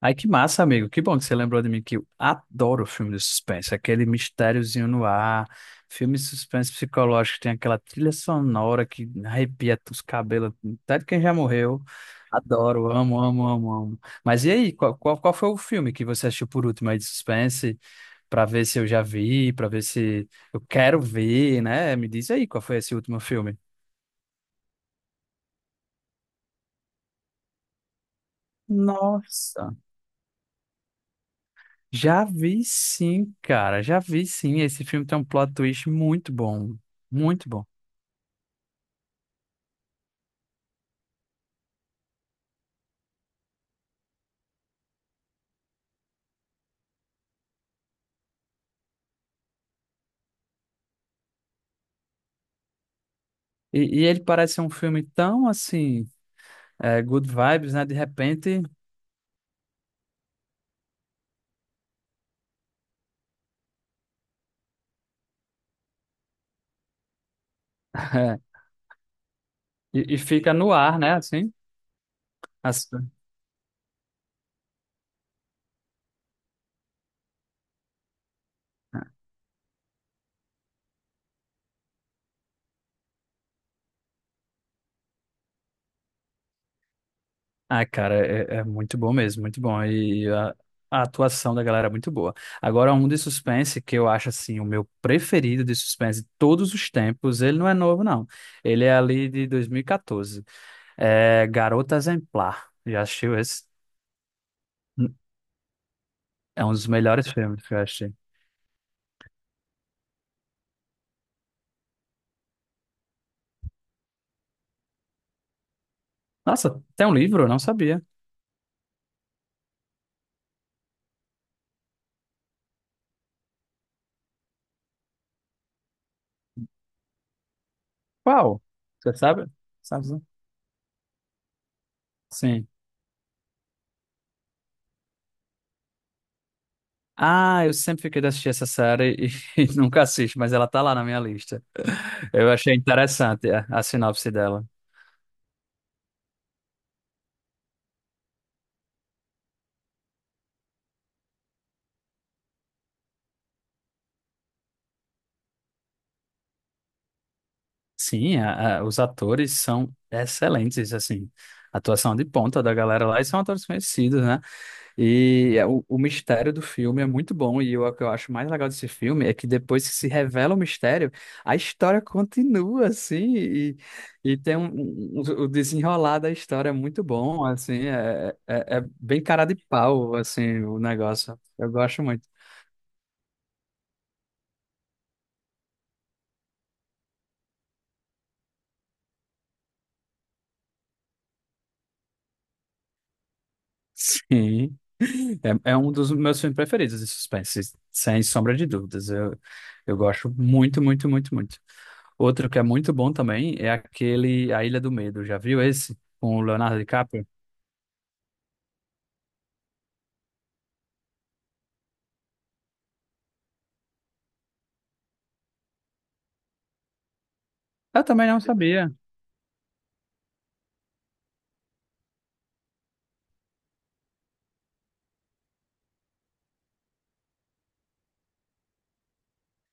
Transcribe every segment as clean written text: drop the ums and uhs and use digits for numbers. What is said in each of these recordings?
Ai, que massa, amigo. Que bom que você lembrou de mim, que eu adoro filme de suspense. Aquele mistériozinho no ar, filme de suspense psicológico, tem aquela trilha sonora que arrepia os cabelos, até de quem já morreu. Adoro, amo, amo, amo, amo. Mas e aí, qual foi o filme que você assistiu por último aí de suspense, pra ver se eu já vi, pra ver se eu quero ver, né? Me diz aí qual foi esse último filme. Nossa. Já vi sim, cara, já vi sim. Esse filme tem um plot twist muito bom, muito bom. E ele parece ser um filme tão assim, é, good vibes, né? De repente, e fica no ar, né? Assim, As- ah, cara, é, é muito bom mesmo, muito bom. A atuação da galera é muito boa. Agora, um de suspense que eu acho assim, o meu preferido de suspense de todos os tempos. Ele não é novo, não. Ele é ali de 2014. É Garota Exemplar. Já assistiu esse? É um dos melhores filmes que eu achei. Nossa, tem um livro? Eu não sabia. Qual? Você sabe? Sabe? Né? Sim. Ah, eu sempre fiquei de assistir essa série e nunca assisto, mas ela tá lá na minha lista. Eu achei interessante a sinopse dela. Sim, a- os atores são excelentes, assim. Atuação de ponta da galera lá e são atores conhecidos, né? E é o mistério do filme é muito bom, e eu- o que eu acho mais legal desse filme é que depois que se revela o mistério, a história continua, assim, e tem um, um- um, o desenrolar da história é muito bom, assim, é, é, é bem cara de pau, assim, o negócio. Eu gosto muito. Sim. É, é um dos meus filmes preferidos de suspense, sem sombra de dúvidas. Eu gosto muito, muito, muito, muito. Outro que é muito bom também é aquele A Ilha do Medo. Já viu esse? Com o Leonardo DiCaprio? Eu também não sabia.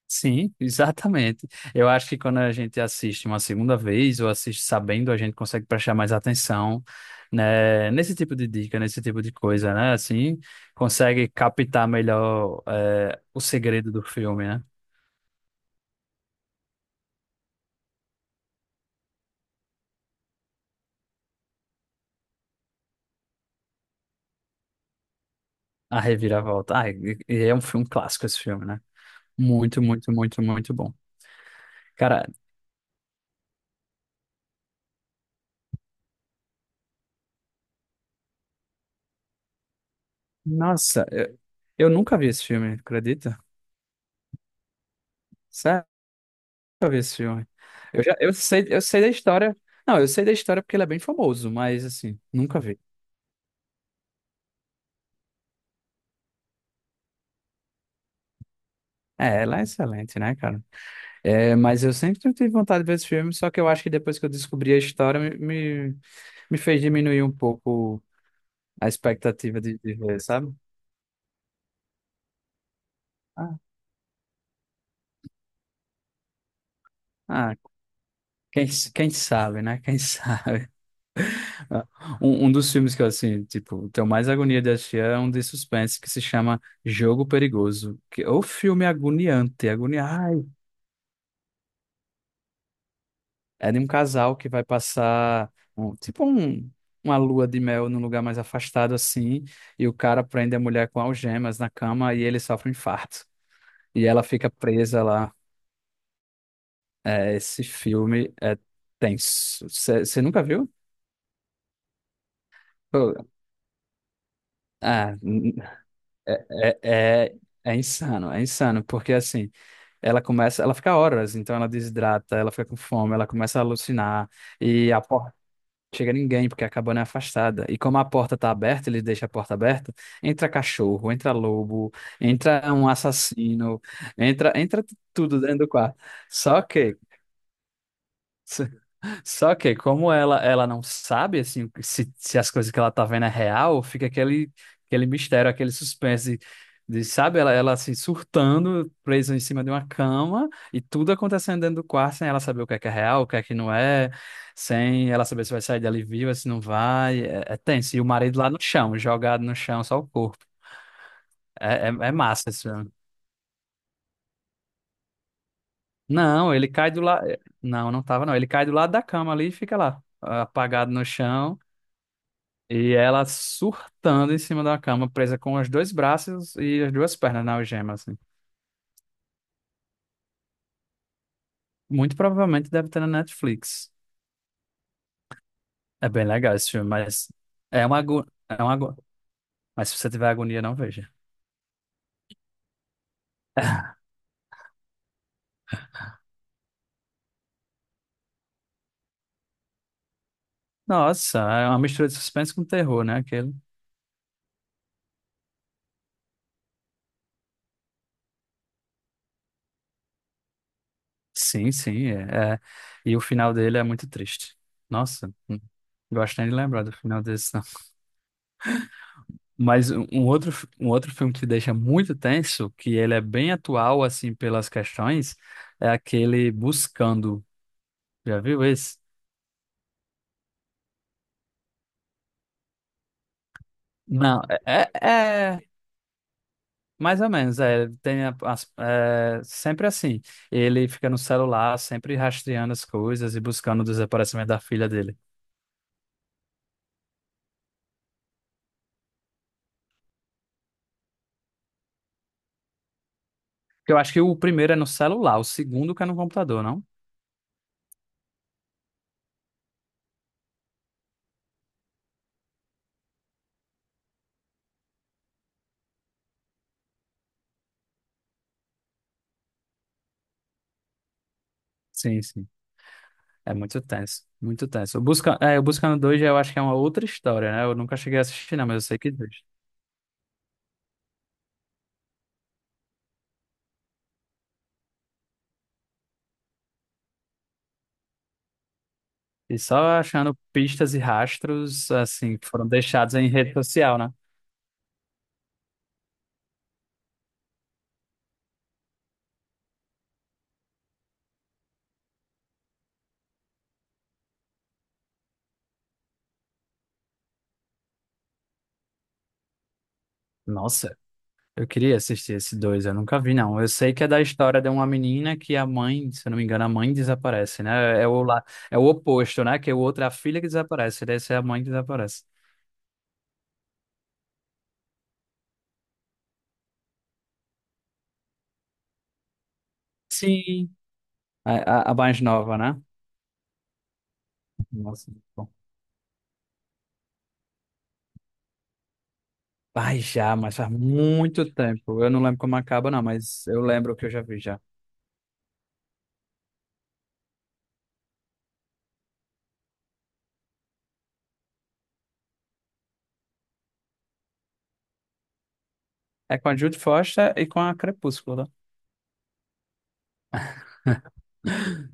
Sim, exatamente. Eu acho que quando a gente assiste uma segunda vez ou assiste sabendo, a gente consegue prestar mais atenção, né, nesse tipo de dica, nesse tipo de coisa, né? Assim, consegue captar melhor, o segredo do filme, né? A Reviravolta. Ah, e é um filme clássico esse filme, né? Muito, muito, muito, muito bom. Cara, nossa, eu nunca vi esse filme, acredita? Sério, eu nunca vi esse filme. Eu já, eu sei da história. Não, eu sei da história porque ele é bem famoso, mas assim, nunca vi. É, ela é excelente, né, cara? É, mas eu sempre tive vontade de ver esse filme, só que eu acho que depois que eu descobri a história, me, me fez diminuir um pouco a expectativa de ver, sabe? Ah, ah, quem, quem sabe, né? Quem sabe? Ah, um dos filmes que eu, assim, tipo, tenho mais agonia de assistir é um de suspense que se chama Jogo Perigoso, que é o filme agoniante, agonia, ai, é de um casal que vai passar, um- tipo, um, uma lua de mel num lugar mais afastado, assim, e o cara prende a mulher com algemas na cama e ele sofre um infarto, e ela fica presa lá. É, esse filme é tenso. Você nunca viu? Pô, ah, n- é, é, é insano, é insano, porque assim, ela começa, ela fica horas, então ela desidrata, ela fica com fome, ela começa a alucinar e a porta não chega ninguém porque a cabana é afastada. E como a porta tá aberta, ele deixa a porta aberta, entra cachorro, entra lobo, entra um assassino, entra tudo dentro do quarto. Só que só que como ela não sabe assim se, se as coisas que ela tá vendo é real, fica aquele mistério, aquele suspense de, sabe, ela se surtando, presa em cima de uma cama e tudo acontecendo dentro do quarto sem ela saber o que é real, o que é que não é, sem ela saber se vai sair dali viva, se não vai, é, é tenso. E o marido lá no chão, jogado no chão, só o corpo. É, é, é massa esse filme. Não, ele cai do lado. Não, não tava, não. Ele cai do lado da cama ali e fica lá, apagado no chão. E ela surtando em cima da cama, presa com os dois braços e as duas pernas na algema, assim. Muito provavelmente deve ter na Netflix. É bem legal esse filme, mas é uma agonia. É uma ago- Mas se você tiver agonia, não veja. Nossa, é uma mistura de suspense com terror, né? Aquele. Sim, sim. É, é. E o final dele é muito triste. Nossa, não gosto nem de lembrar do final desse, né? Mas um outro, fi- um outro filme que deixa muito tenso, que ele é bem atual, assim, pelas questões, é aquele Buscando. Já viu esse? Não, é, é mais ou menos, é, ele tem a- as- é, sempre assim. Ele fica no celular, sempre rastreando as coisas e buscando o desaparecimento da filha dele. Que eu acho que o primeiro é no celular, o segundo que é no computador, não? Sim, sim. É muito tenso, muito tenso. O Busca, é, o Buscando dois eu acho que é uma outra história, né? Eu nunca cheguei a assistir, não, mas eu sei que existe. E só achando pistas e rastros, assim, que foram deixados em rede social, né? Nossa, eu queria assistir esse dois, eu nunca vi, não. Eu sei que é da história de uma menina que a mãe, se eu não me engano, a mãe desaparece, né? É o, lá, é o oposto, né? Que o outro é a filha que desaparece, desse é a mãe que desaparece. Sim. A, a mais nova, né? Nossa, muito bom. Ai, já, mas faz muito tempo. Eu não lembro como acaba, não, mas eu lembro que eu já vi já. É com a Jude Foster e com a Crepúsculo, né?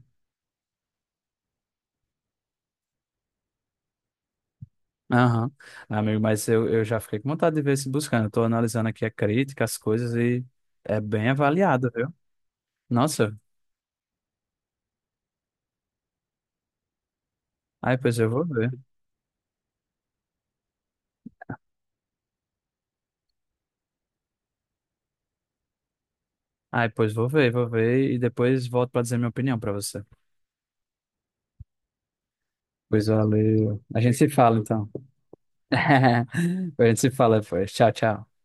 Aham. Amigo, mas eu já fiquei com vontade de ver esse buscando. Estou analisando aqui a crítica, as coisas e é bem avaliado, viu? Nossa, aí pois eu vou ver. Aí pois vou ver e depois volto para dizer minha opinião para você. Pois valeu. A gente se fala então. A gente se fala depois. Tchau, tchau.